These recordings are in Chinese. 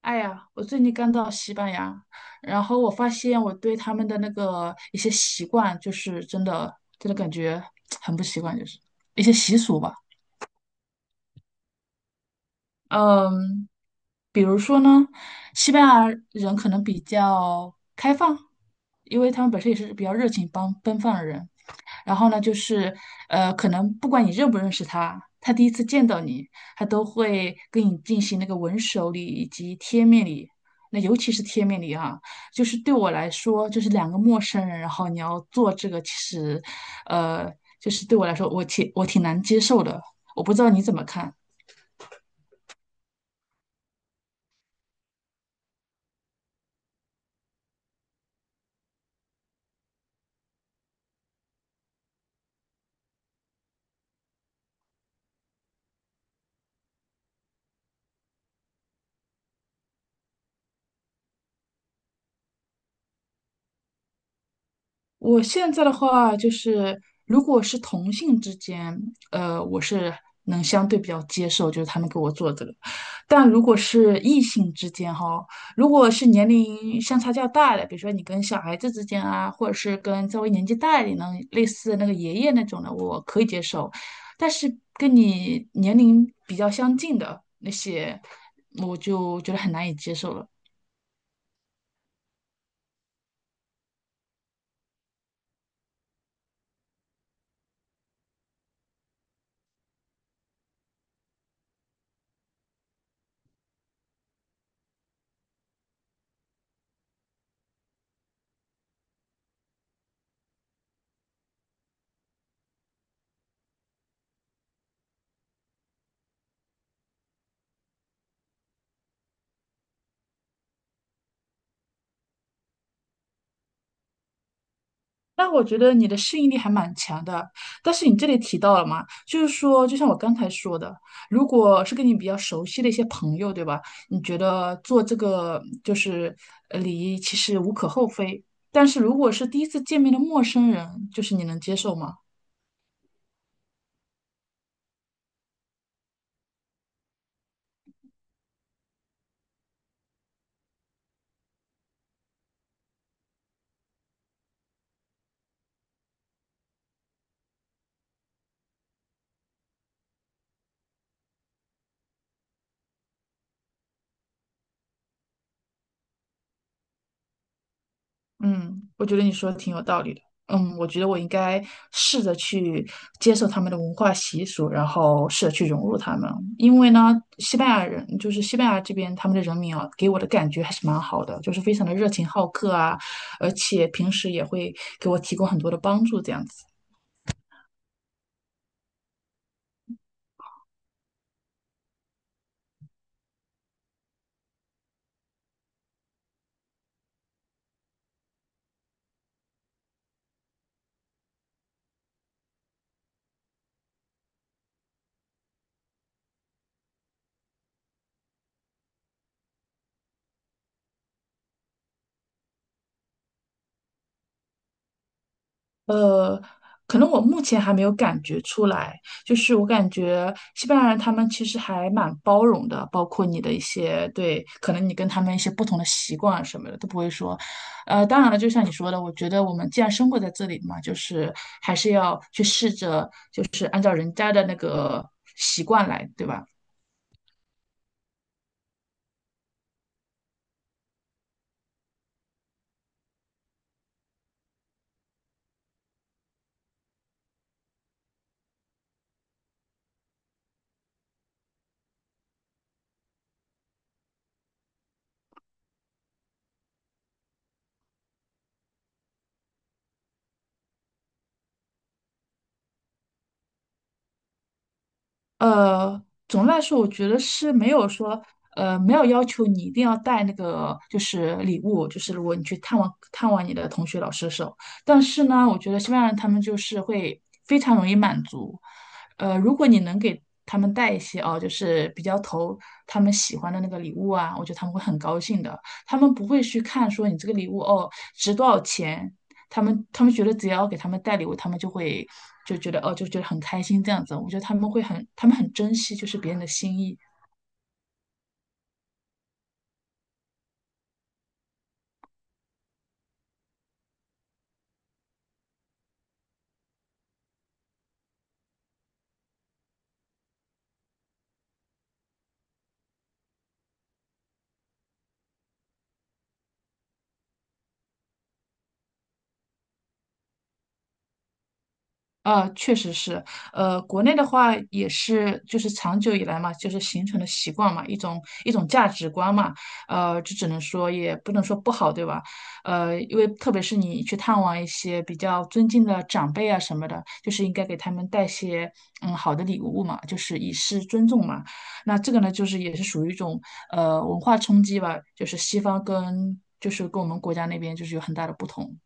哎呀，我最近刚到西班牙，然后我发现我对他们的那个一些习惯，就是真的感觉很不习惯，就是一些习俗吧。嗯，比如说呢，西班牙人可能比较开放，因为他们本身也是比较热情帮奔放的人，然后呢，就是可能不管你认不认识他，他第一次见到你，他都会跟你进行那个吻手礼以及贴面礼。那尤其是贴面礼啊，就是对我来说，就是两个陌生人，然后你要做这个，其实，呃，就是对我来说，我挺难接受的。我不知道你怎么看。我现在的话就是，如果是同性之间，我是能相对比较接受，就是他们给我做这个。但如果是异性之间哈，如果是年龄相差较大的，比如说你跟小孩子之间啊，或者是跟稍微年纪大一点的，类似那个爷爷那种的，我可以接受。但是跟你年龄比较相近的那些，我就觉得很难以接受了。那我觉得你的适应力还蛮强的，但是你这里提到了嘛，就是说，就像我刚才说的，如果是跟你比较熟悉的一些朋友，对吧？你觉得做这个就是礼仪，其实无可厚非。但是如果是第一次见面的陌生人，就是你能接受吗？嗯，我觉得你说的挺有道理的。嗯，我觉得我应该试着去接受他们的文化习俗，然后试着去融入他们。因为呢，西班牙人就是西班牙这边他们的人民啊，给我的感觉还是蛮好的，就是非常的热情好客啊，而且平时也会给我提供很多的帮助，这样子。呃，可能我目前还没有感觉出来，就是我感觉西班牙人他们其实还蛮包容的，包括你的一些对，可能你跟他们一些不同的习惯啊什么的都不会说。当然了，就像你说的，我觉得我们既然生活在这里嘛，就是还是要去试着，就是按照人家的那个习惯来，对吧？呃，总的来说，我觉得是没有说，没有要求你一定要带那个就是礼物，就是如果你去探望你的同学、老师的时候，但是呢，我觉得西班牙人他们就是会非常容易满足，如果你能给他们带一些哦，就是比较投他们喜欢的那个礼物啊，我觉得他们会很高兴的，他们不会去看说你这个礼物哦值多少钱，他们觉得只要给他们带礼物，他们就会就觉得哦，就觉得很开心这样子。我觉得他们会很，他们很珍惜就是别人的心意。确实是，国内的话也是，就是长久以来嘛，就是形成的习惯嘛，一种价值观嘛，这只能说也不能说不好，对吧？因为特别是你去探望一些比较尊敬的长辈啊什么的，就是应该给他们带些嗯好的礼物嘛，就是以示尊重嘛。那这个呢，就是也是属于一种文化冲击吧，就是西方跟就是跟我们国家那边就是有很大的不同。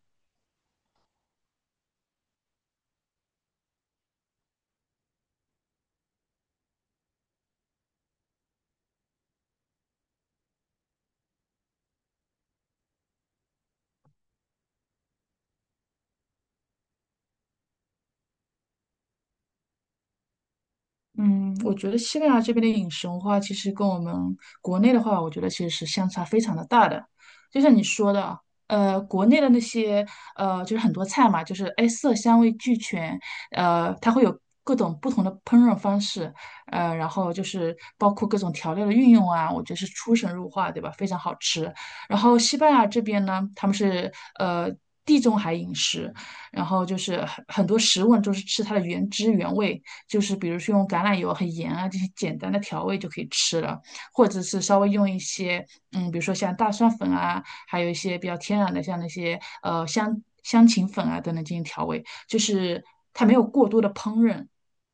嗯，我觉得西班牙这边的饮食文化其实跟我们国内的话，我觉得其实是相差非常的大的。就像你说的啊国内的那些就是很多菜嘛，就是哎色香味俱全，它会有各种不同的烹饪方式，然后就是包括各种调料的运用啊，我觉得是出神入化，对吧？非常好吃。然后西班牙这边呢，他们是呃地中海饮食。然后就是很多食物都是吃它的原汁原味，就是比如说用橄榄油很盐啊这些简单的调味就可以吃了，或者是稍微用一些嗯，比如说像大蒜粉啊，还有一些比较天然的像那些香香芹粉啊等等进行调味，就是它没有过多的烹饪，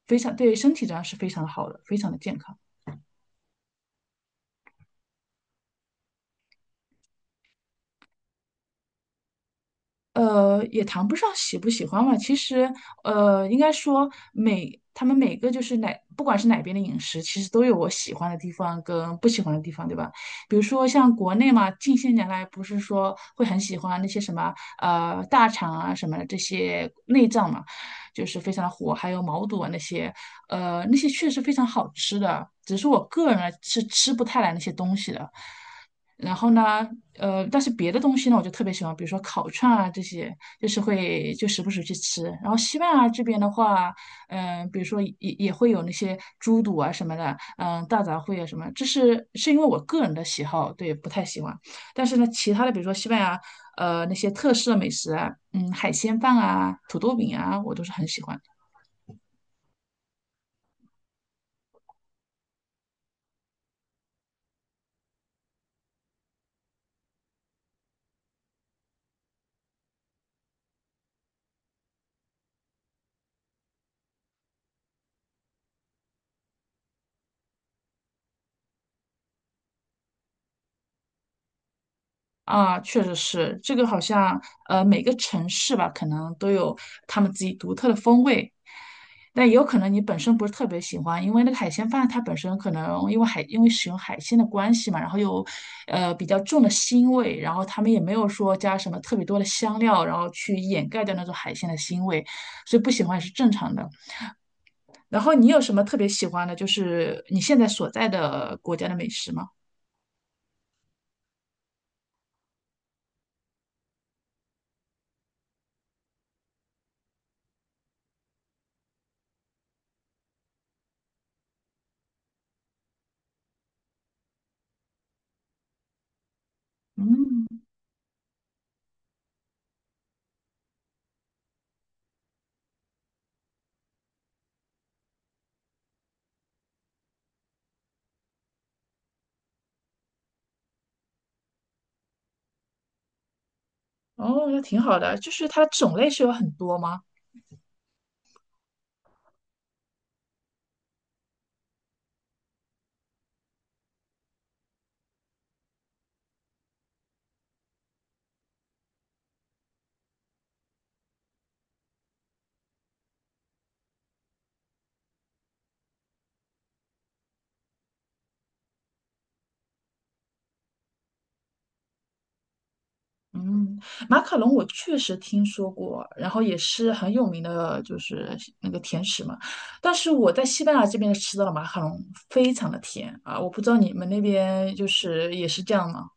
非常对身体上是非常好的，非常的健康。也谈不上喜不喜欢吧。其实，应该说每他们每个就是哪，不管是哪边的饮食，其实都有我喜欢的地方跟不喜欢的地方，对吧？比如说像国内嘛，近些年来不是说会很喜欢那些什么大肠啊什么的这些内脏嘛，就是非常的火，还有毛肚啊那些，那些确实非常好吃的，只是我个人呢是吃不太来那些东西的。然后呢，但是别的东西呢，我就特别喜欢，比如说烤串啊这些，就是会就时不时去吃。然后西班牙这边的话，嗯、比如说也会有那些猪肚啊什么的，嗯、大杂烩啊什么，这是因为我个人的喜好，对，不太喜欢。但是呢，其他的比如说西班牙，那些特色美食啊，嗯，海鲜饭啊、土豆饼啊，我都是很喜欢的。啊，确实是，这个好像每个城市吧，可能都有他们自己独特的风味。但也有可能你本身不是特别喜欢，因为那个海鲜饭它本身可能因为使用海鲜的关系嘛，然后又比较重的腥味，然后他们也没有说加什么特别多的香料，然后去掩盖掉那种海鲜的腥味，所以不喜欢也是正常的。然后你有什么特别喜欢的，就是你现在所在的国家的美食吗？嗯，哦，那挺好的，就是它种类是有很多吗？嗯，马卡龙我确实听说过，然后也是很有名的，就是那个甜食嘛。但是我在西班牙这边吃到了马卡龙非常的甜啊，我不知道你们那边就是也是这样吗？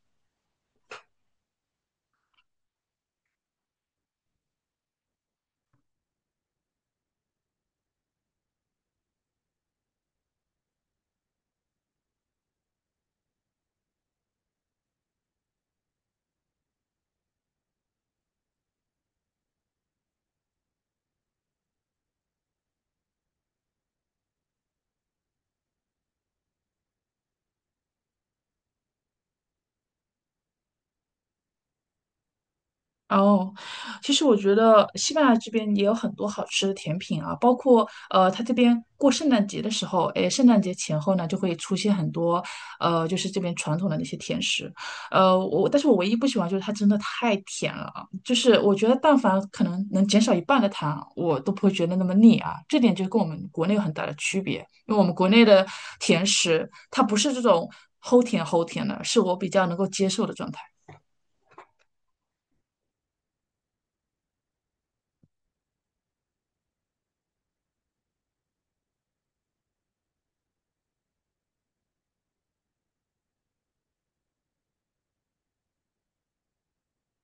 哦，其实我觉得西班牙这边也有很多好吃的甜品啊，包括它这边过圣诞节的时候，诶，圣诞节前后呢，就会出现很多就是这边传统的那些甜食，我但是我唯一不喜欢就是它真的太甜了啊，就是我觉得但凡可能能减少一半的糖，我都不会觉得那么腻啊，这点就跟我们国内有很大的区别，因为我们国内的甜食它不是这种齁甜齁甜的，是我比较能够接受的状态。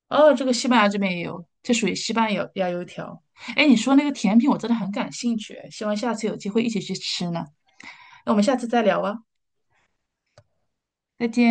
哦，这个西班牙这边也有，这属于西班牙牙油条。哎，你说那个甜品，我真的很感兴趣，希望下次有机会一起去吃呢。那我们下次再聊啊，再见。